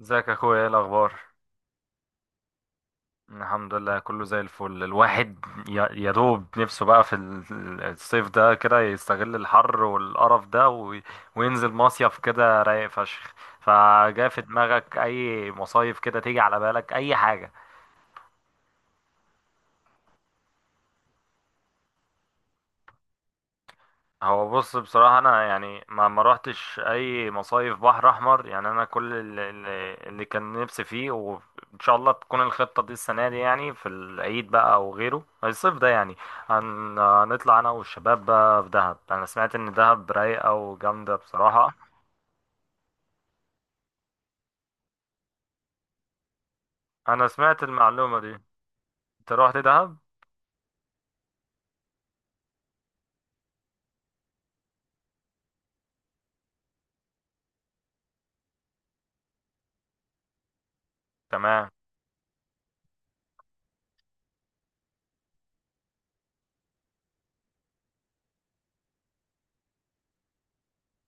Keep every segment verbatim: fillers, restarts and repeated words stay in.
ازيك يا اخويا، ايه الاخبار؟ الحمد لله كله زي الفل. الواحد يا يا دوب نفسه بقى في ال- الصيف ده كده، يستغل الحر والقرف ده وي- وينزل مصيف كده رايق فشخ. فجاء في دماغك اي مصايف كده تيجي على بالك، اي حاجة؟ هو بص بصراحة، أنا يعني ما ما روحتش أي مصايف بحر أحمر يعني. أنا كل اللي, اللي اللي كان نفسي فيه، وإن شاء الله تكون الخطة دي السنة دي يعني في العيد بقى أو غيره الصيف ده يعني هن- هنطلع أنا والشباب بقى في دهب. أنا سمعت إن دهب رايقة وجامدة بصراحة. أنا سمعت المعلومة دي. أنت روحت دهب؟ تمام.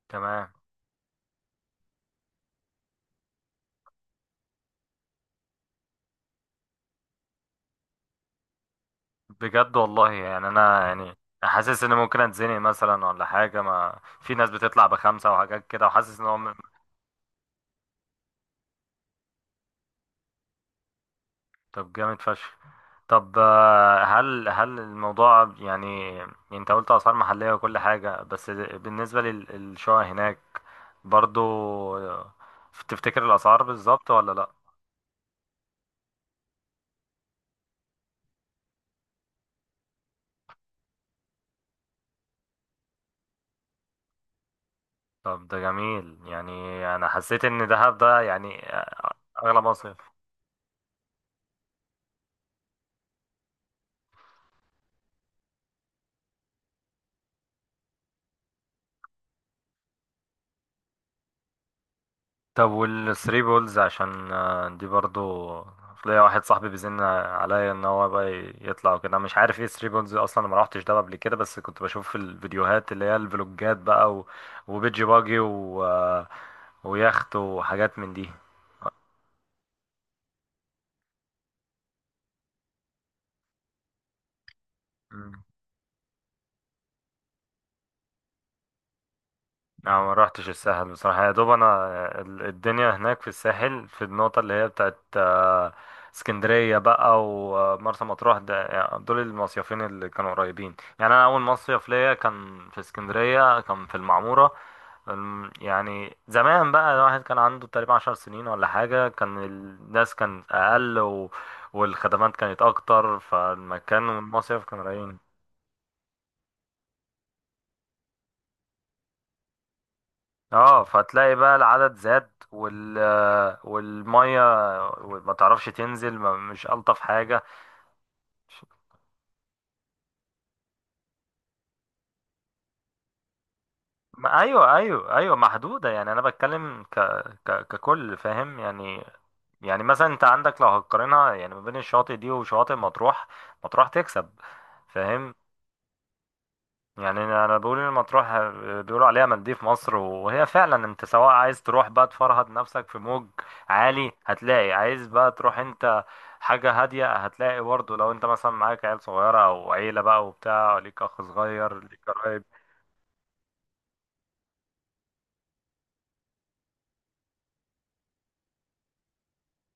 تمام. بجد والله يعني، أنا يعني حاسس ان ممكن اتزنق مثلا ولا حاجه، ما في ناس بتطلع بخمسه وحاجات كده، وحاسس ان هو طب جامد فشخ. طب آه، هل هل الموضوع يعني انت قلت اسعار محليه وكل حاجه، بس بالنسبه للشقق هناك برضو، آه، تفتكر الاسعار بالظبط ولا لا؟ طب ده جميل يعني. انا حسيت ان دهب ده يعني آه، اغلى مصر. طب والثري بولز عشان آه، دي برضو ليا واحد صاحبي بيزن عليا ان هو بقى يطلع وكده. أنا مش عارف ايه ثري بولز اصلا، أنا ما روحتش ده قبل كده، بس كنت بشوف في الفيديوهات اللي هي الفلوجات بقى، و... وبيجي باجي و... آه، ويخت وحاجات من دي. انا ما روحتش الساحل بصراحة، يا دوب انا ال- الدنيا هناك في الساحل، في النقطة اللي هي بتاعت آه، اسكندرية بقى ومرسى مطروح ده يعني، دول المصيفين اللي كانوا قريبين يعني. انا اول مصيف ليا كان في اسكندرية، كان في المعمورة. الم- يعني زمان بقى، الواحد كان عنده تقريبا عشر سنين ولا حاجة، كان الناس كان اقل، و... والخدمات كانت اكتر فالمكان والمصيف كان رايق. اه، فتلاقي بقى العدد زاد، وال والميه ما تعرفش تنزل، ما مش الطف حاجه. ما ايوه ايوه ايوه، محدوده يعني. انا بتكلم ك ك ككل فاهم يعني. يعني مثلا انت عندك لو هتقارنها يعني ما بين الشواطئ دي وشواطئ مطروح، مطروح تكسب فاهم. يعني انا أنا بقول ان مطروح آه، بيقولوا عليها مالديف مصر، وهي فعلا انت سواء عايز تروح بقى تفرهد نفسك في موج عالي هتلاقي، عايز بقى تروح انت حاجة هادية هتلاقي برضه، لو انت مثلا معاك عيال صغيرة او عيلة بقى وبتاع ليك اخ صغير ليك قرايب.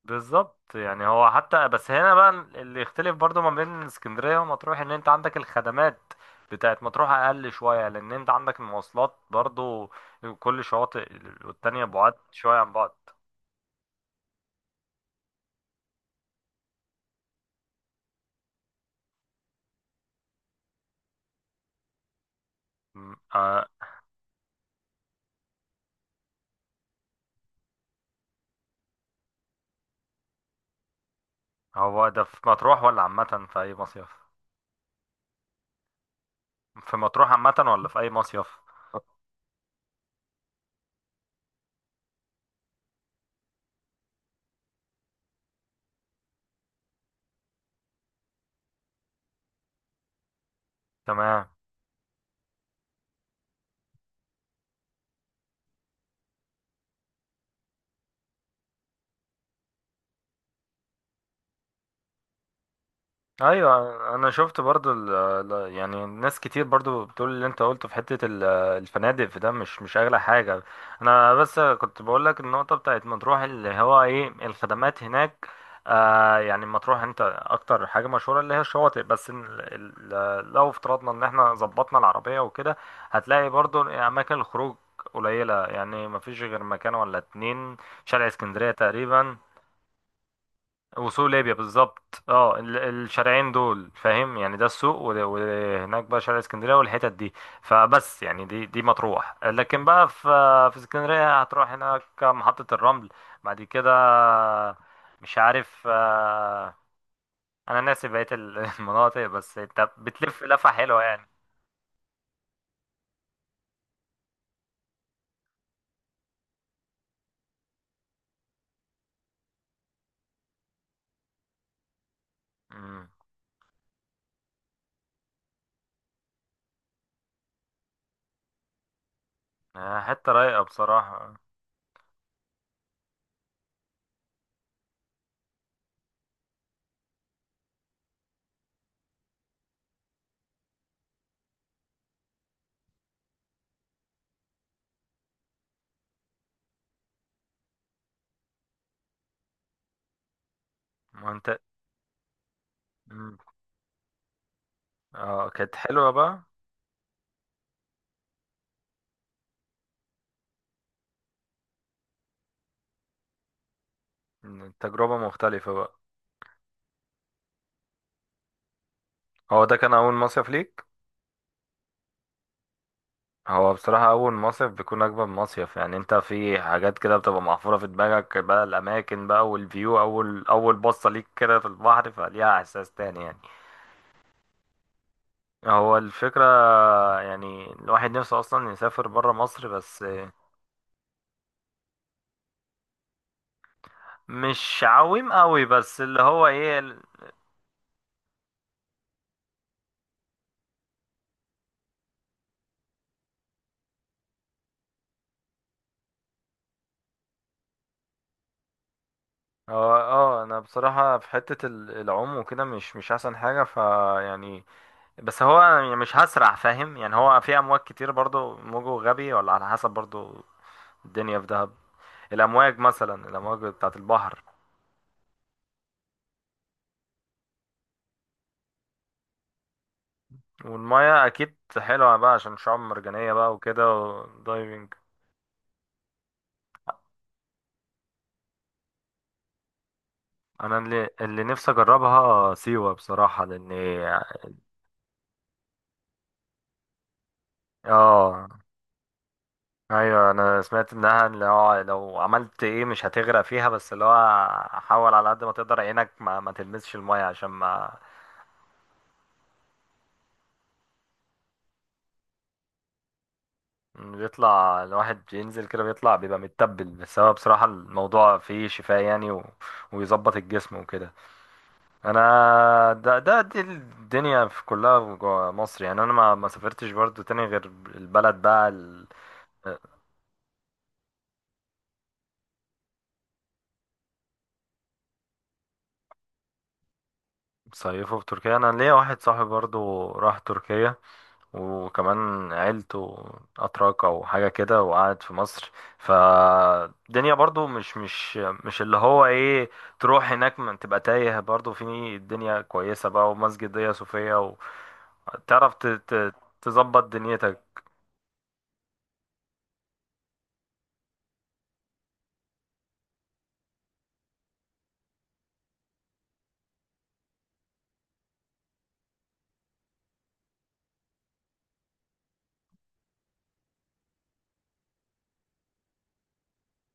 بالظبط يعني. هو حتى بس هنا بقى اللي يختلف برضه ما بين اسكندرية ومطروح ان انت عندك الخدمات بتاعت مطروح اقل شوية، لان انت عندك المواصلات برضه، كل شواطئ والتانية بعاد شوية عن بعض. هو ده في مطروح ولا عامة في أي مصيف؟ في مطروح عامة ولا في أي مصيف؟ تمام. ايوه، انا شفت برضو ال ال- يعني ناس كتير برضو بتقول اللي انت قلته في حته ال- الفنادق في ده مش مش اغلى حاجه. انا بس كنت بقول لك النقطه بتاعت مطروح اللي هو ايه الخدمات هناك. آه يعني مطروح، انت اكتر حاجه مشهوره اللي هي الشواطئ، بس إن ال- ال- لو افترضنا ان احنا ظبطنا العربيه وكده، هتلاقي برضو اماكن الخروج قليله. يعني مفيش غير مكان ولا اتنين، شارع اسكندريه تقريبا، وسوق ليبيا بالظبط. اه، ال- الشارعين دول فاهم يعني، ده السوق، و- وهناك بقى شارع اسكندريه والحتت دي. فبس يعني دي دي مطروح. لكن بقى في في اسكندريه، هتروح هناك محطه الرمل، بعد كده مش عارف آه، انا ناسي بقيه ال- المناطق، بس انت بتلف لفه حلوه يعني. مم. آه، حته رايقه بصراحه. ما انت مم. اه، كانت حلوه بقى. تجربه مختلفه بقى. هو ده كان اول مصيف ليك. هو بصراحة أول مصيف بيكون أجمل مصيف يعني، أنت في حاجات كده بتبقى محفورة في دماغك بقى، الأماكن بقى والفيو، أول أول بصة ليك كده في البحر، فليها إحساس تاني يعني. هو الفكرة يعني الواحد نفسه أصلا يسافر برا مصر بس. مش عويم قوي، بس اللي هو إيه ال- هو اه انا بصراحة في حتة ال- العوم وكده مش مش احسن حاجة ف يعني، بس هو يعني مش هسرع فاهم يعني. هو في امواج كتير برضو، موجه غبي ولا على حسب برضو الدنيا في دهب، الامواج مثلا الامواج بتاعت البحر. والميه اكيد حلوه بقى عشان شعاب مرجانيه بقى وكده، ودايفنج. انا اللي, اللي نفسي اجربها سيوه بصراحه لان اه. ايوه، انا سمعت انها اللي هو لو عملت ايه مش هتغرق فيها، بس اللي هو حاول على قد ما تقدر عينك ما, ما تلمسش الميه، عشان ما بيطلع الواحد ينزل كده بيطلع بيبقى متبل، بس هو بصراحه الموضوع فيه شفاء يعني، و... ويظبط الجسم وكده. انا ده ده دي الدنيا في كلها جوا مصر يعني. انا ما ما سافرتش برضو تاني غير البلد بقى ال- صيفه في تركيا. انا ليا واحد صاحبي برضو راح تركيا، وكمان عيلته اتراك او حاجه كده، وقعد في مصر. فالدنيا برضو مش مش مش اللي هو ايه، تروح هناك ما تبقى تايه برضو. في الدنيا كويسه بقى، ومسجد دنيا صوفيا، وتعرف ت- ت- تظبط دنيتك.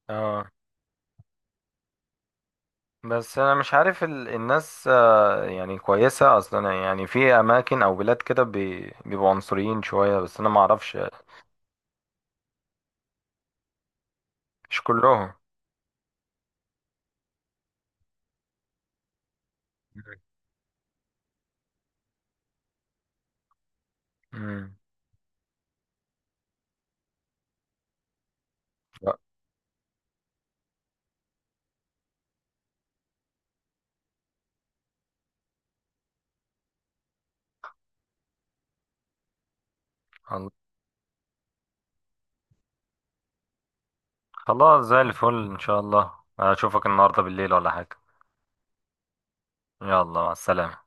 اه، بس انا مش عارف ال... الناس آه، يعني كويسة اصلا، يعني في اماكن او بلاد كده بي... بيبقوا عنصريين شوية، بس انا ما اعرفش. مش كلهم. مم. لا، خلاص زي الفل ان شاء الله. اشوفك النهاردة بالليل ولا حاجة؟ يلا مع السلامة.